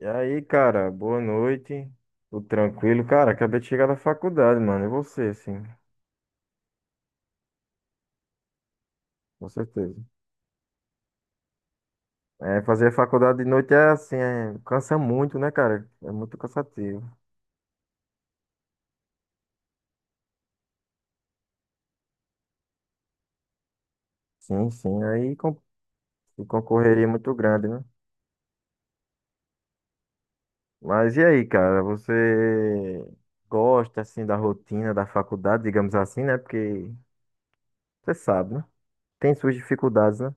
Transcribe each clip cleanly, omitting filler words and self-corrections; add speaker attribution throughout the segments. Speaker 1: E aí, cara, boa noite. Tudo tranquilo? Cara, acabei de chegar da faculdade, mano. E você, sim, com certeza. Fazer faculdade de noite é assim, cansa muito, né, cara? É muito cansativo. Sim, sim. Concorreria muito grande, né? Mas e aí, cara, você gosta, assim, da rotina da faculdade, digamos assim, né? Porque você sabe, né? Tem suas dificuldades, né?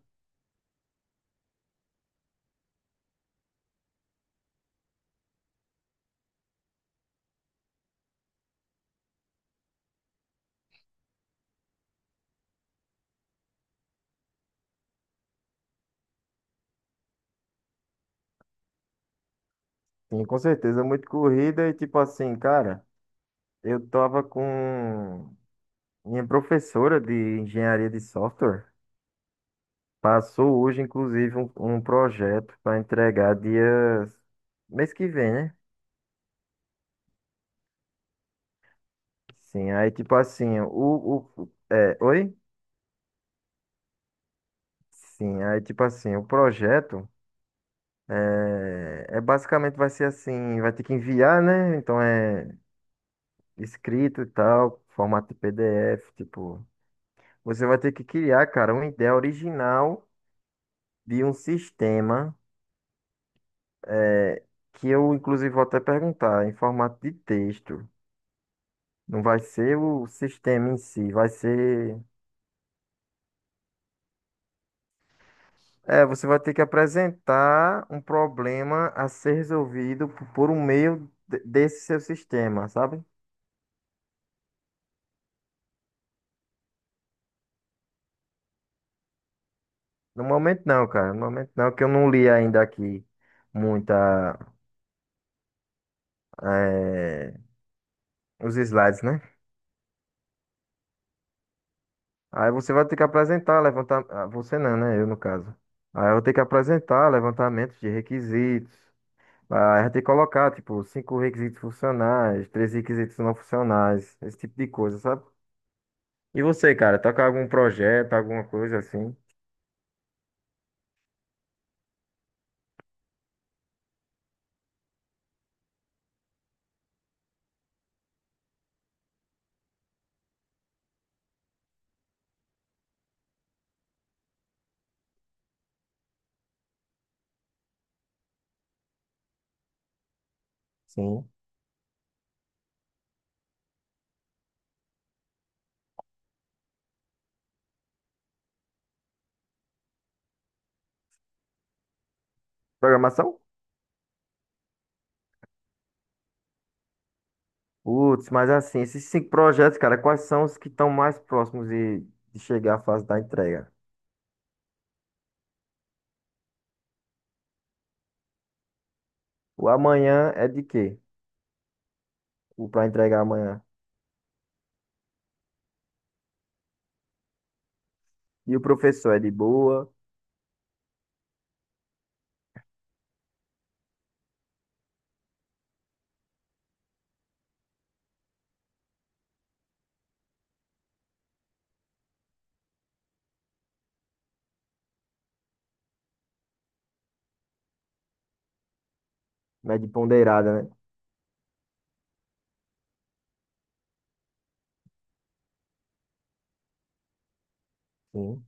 Speaker 1: Sim, com certeza. Muito corrida e, tipo assim, cara, eu tava com. Minha professora de engenharia de software passou hoje, inclusive, um projeto para entregar dia mês que vem, né? Sim, aí tipo assim, oi? Sim, aí tipo assim, o projeto é basicamente vai ser assim, vai ter que enviar, né? Então é escrito e tal, formato de PDF, tipo, você vai ter que criar, cara, uma ideia original de um sistema que eu inclusive vou até perguntar, em formato de texto. Não vai ser o sistema em si, vai ser. É, você vai ter que apresentar um problema a ser resolvido por um meio desse seu sistema, sabe? No momento não, cara. No momento não, que eu não li ainda aqui muita eh, os slides, né? Aí você vai ter que apresentar, levantar. Você não, né? Eu no caso. Aí eu vou ter que apresentar levantamentos de requisitos. Ah, já tem que colocar, tipo, cinco requisitos funcionais, três requisitos não funcionais, esse tipo de coisa, sabe? E você, cara, tá com algum projeto, alguma coisa assim? Sim. Programação? Putz, mas assim, esses cinco projetos, cara, quais são os que estão mais próximos de chegar à fase da entrega? O amanhã é de quê? O para entregar amanhã. E o professor é de boa, mas de ponderada, né? Sim,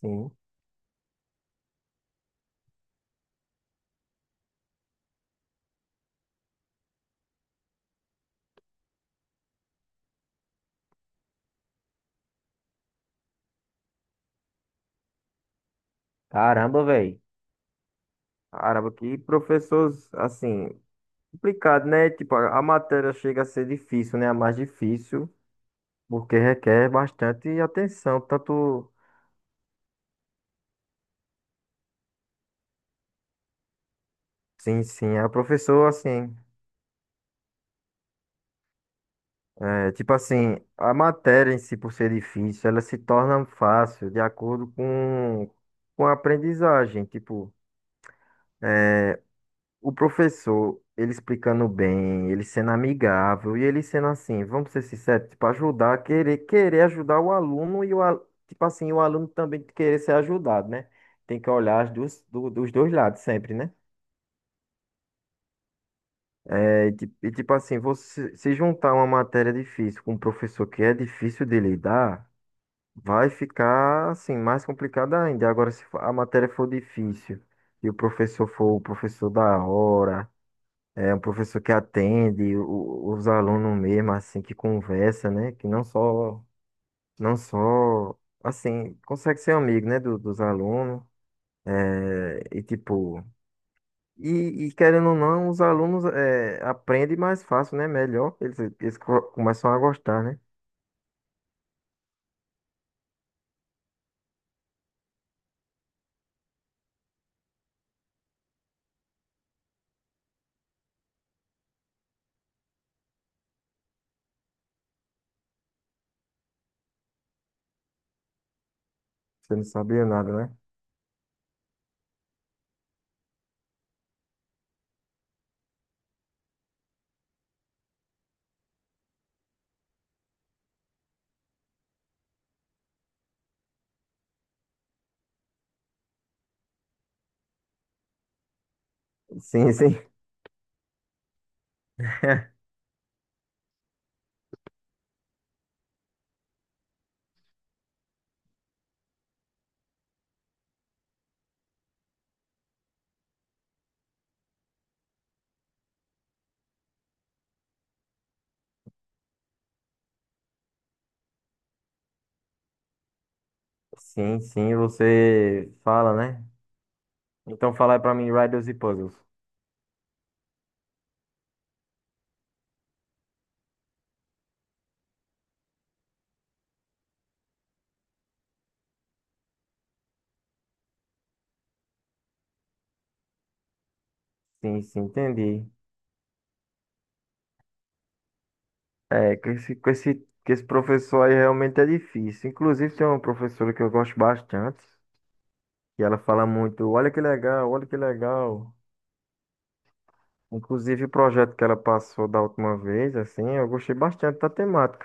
Speaker 1: sim. Caramba, velho. Caramba, que professores, assim, complicado, né? Tipo, a matéria chega a ser difícil, né? A mais difícil, porque requer bastante atenção. Tanto, sim, sim, a professora, assim, é, tipo assim, a matéria em si, por ser difícil, ela se torna fácil de com a aprendizagem. Tipo, o professor, ele explicando bem, ele sendo amigável e ele sendo assim, vamos ser sinceros, tipo, ajudar, querer ajudar o aluno e tipo assim, o aluno também querer ser ajudado, né? Tem que olhar as duas, dos dois lados sempre, né? É, e tipo assim, você se juntar uma matéria difícil com um professor que é difícil de lidar, vai ficar assim, mais complicado ainda. Agora, se for- a matéria for difícil e o professor for o professor da hora, é um professor que atende os alunos mesmo, assim, que conversa, né? Que não só, não só, assim, consegue ser amigo, né, dos alunos. É, e tipo, e querendo ou não, os alunos aprendem mais fácil, né? Melhor, começam a gostar, né? Você não sabia nada, né? Sim, sim. Sim, sim, você fala, né? Então fala aí pra mim, Riddles e Puzzles. Sim, sim, entendi. É, com esse professor aí realmente é difícil. Inclusive, tem uma professora que eu gosto bastante, que ela fala muito, olha que legal, olha que legal. Inclusive, o projeto que ela passou da última vez, assim, eu gostei bastante da temática.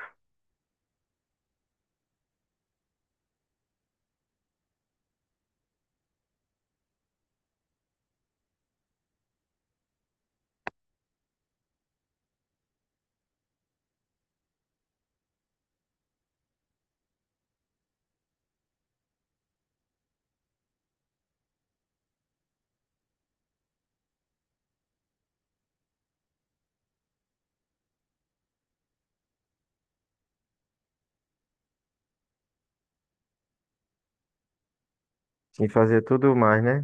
Speaker 1: Sim, fazer tudo mais, né?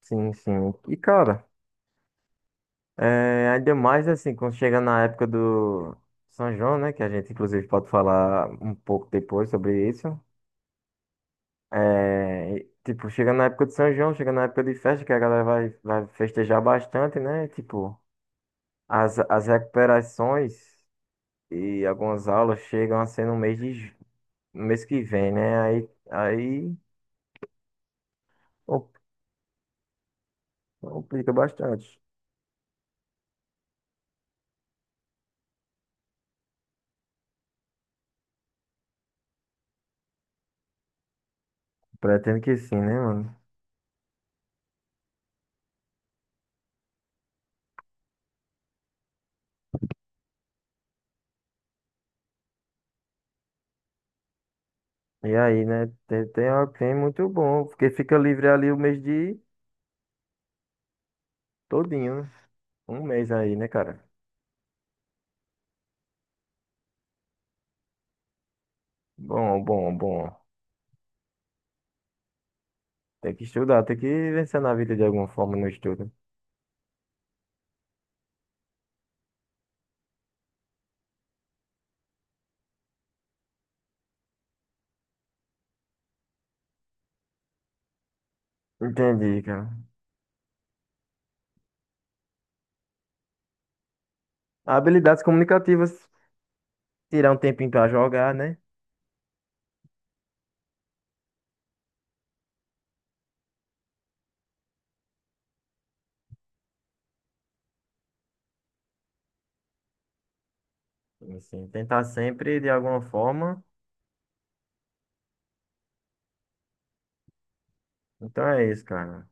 Speaker 1: Sim, sim. E, cara, ainda mais, assim, quando chega na época do São João, né? Que a gente, inclusive, pode falar um pouco depois sobre isso. É, tipo, chega na época de São João, chega na época de festa, que a galera vai festejar bastante, né? Tipo, as recuperações e algumas aulas chegam a ser no mês no mês que vem, né? Com- complica bastante. Pretendo que sim, né, mano? E aí, né? Tem muito bom, porque fica livre ali o mês de todinho, né? Um mês aí, né, cara? Bom, bom, bom. Tem que estudar, tem que vencer na vida de alguma forma no estudo. Entendi, cara. Habilidades comunicativas, tirar um tempinho pra jogar, né? Assim, tentar sempre de alguma forma. Então é isso, cara.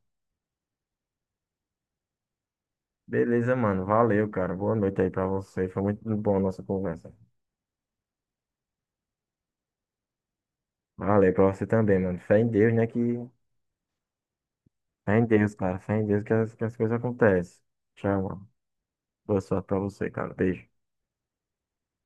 Speaker 1: Beleza, mano. Valeu, cara. Boa noite aí pra você. Foi muito bom a nossa conversa. Valeu pra você também, mano. Fé em Deus, né? Que... Fé em Deus, cara. Fé em Deus que que as coisas acontecem. Tchau, mano. Boa sorte pra você, cara. Beijo.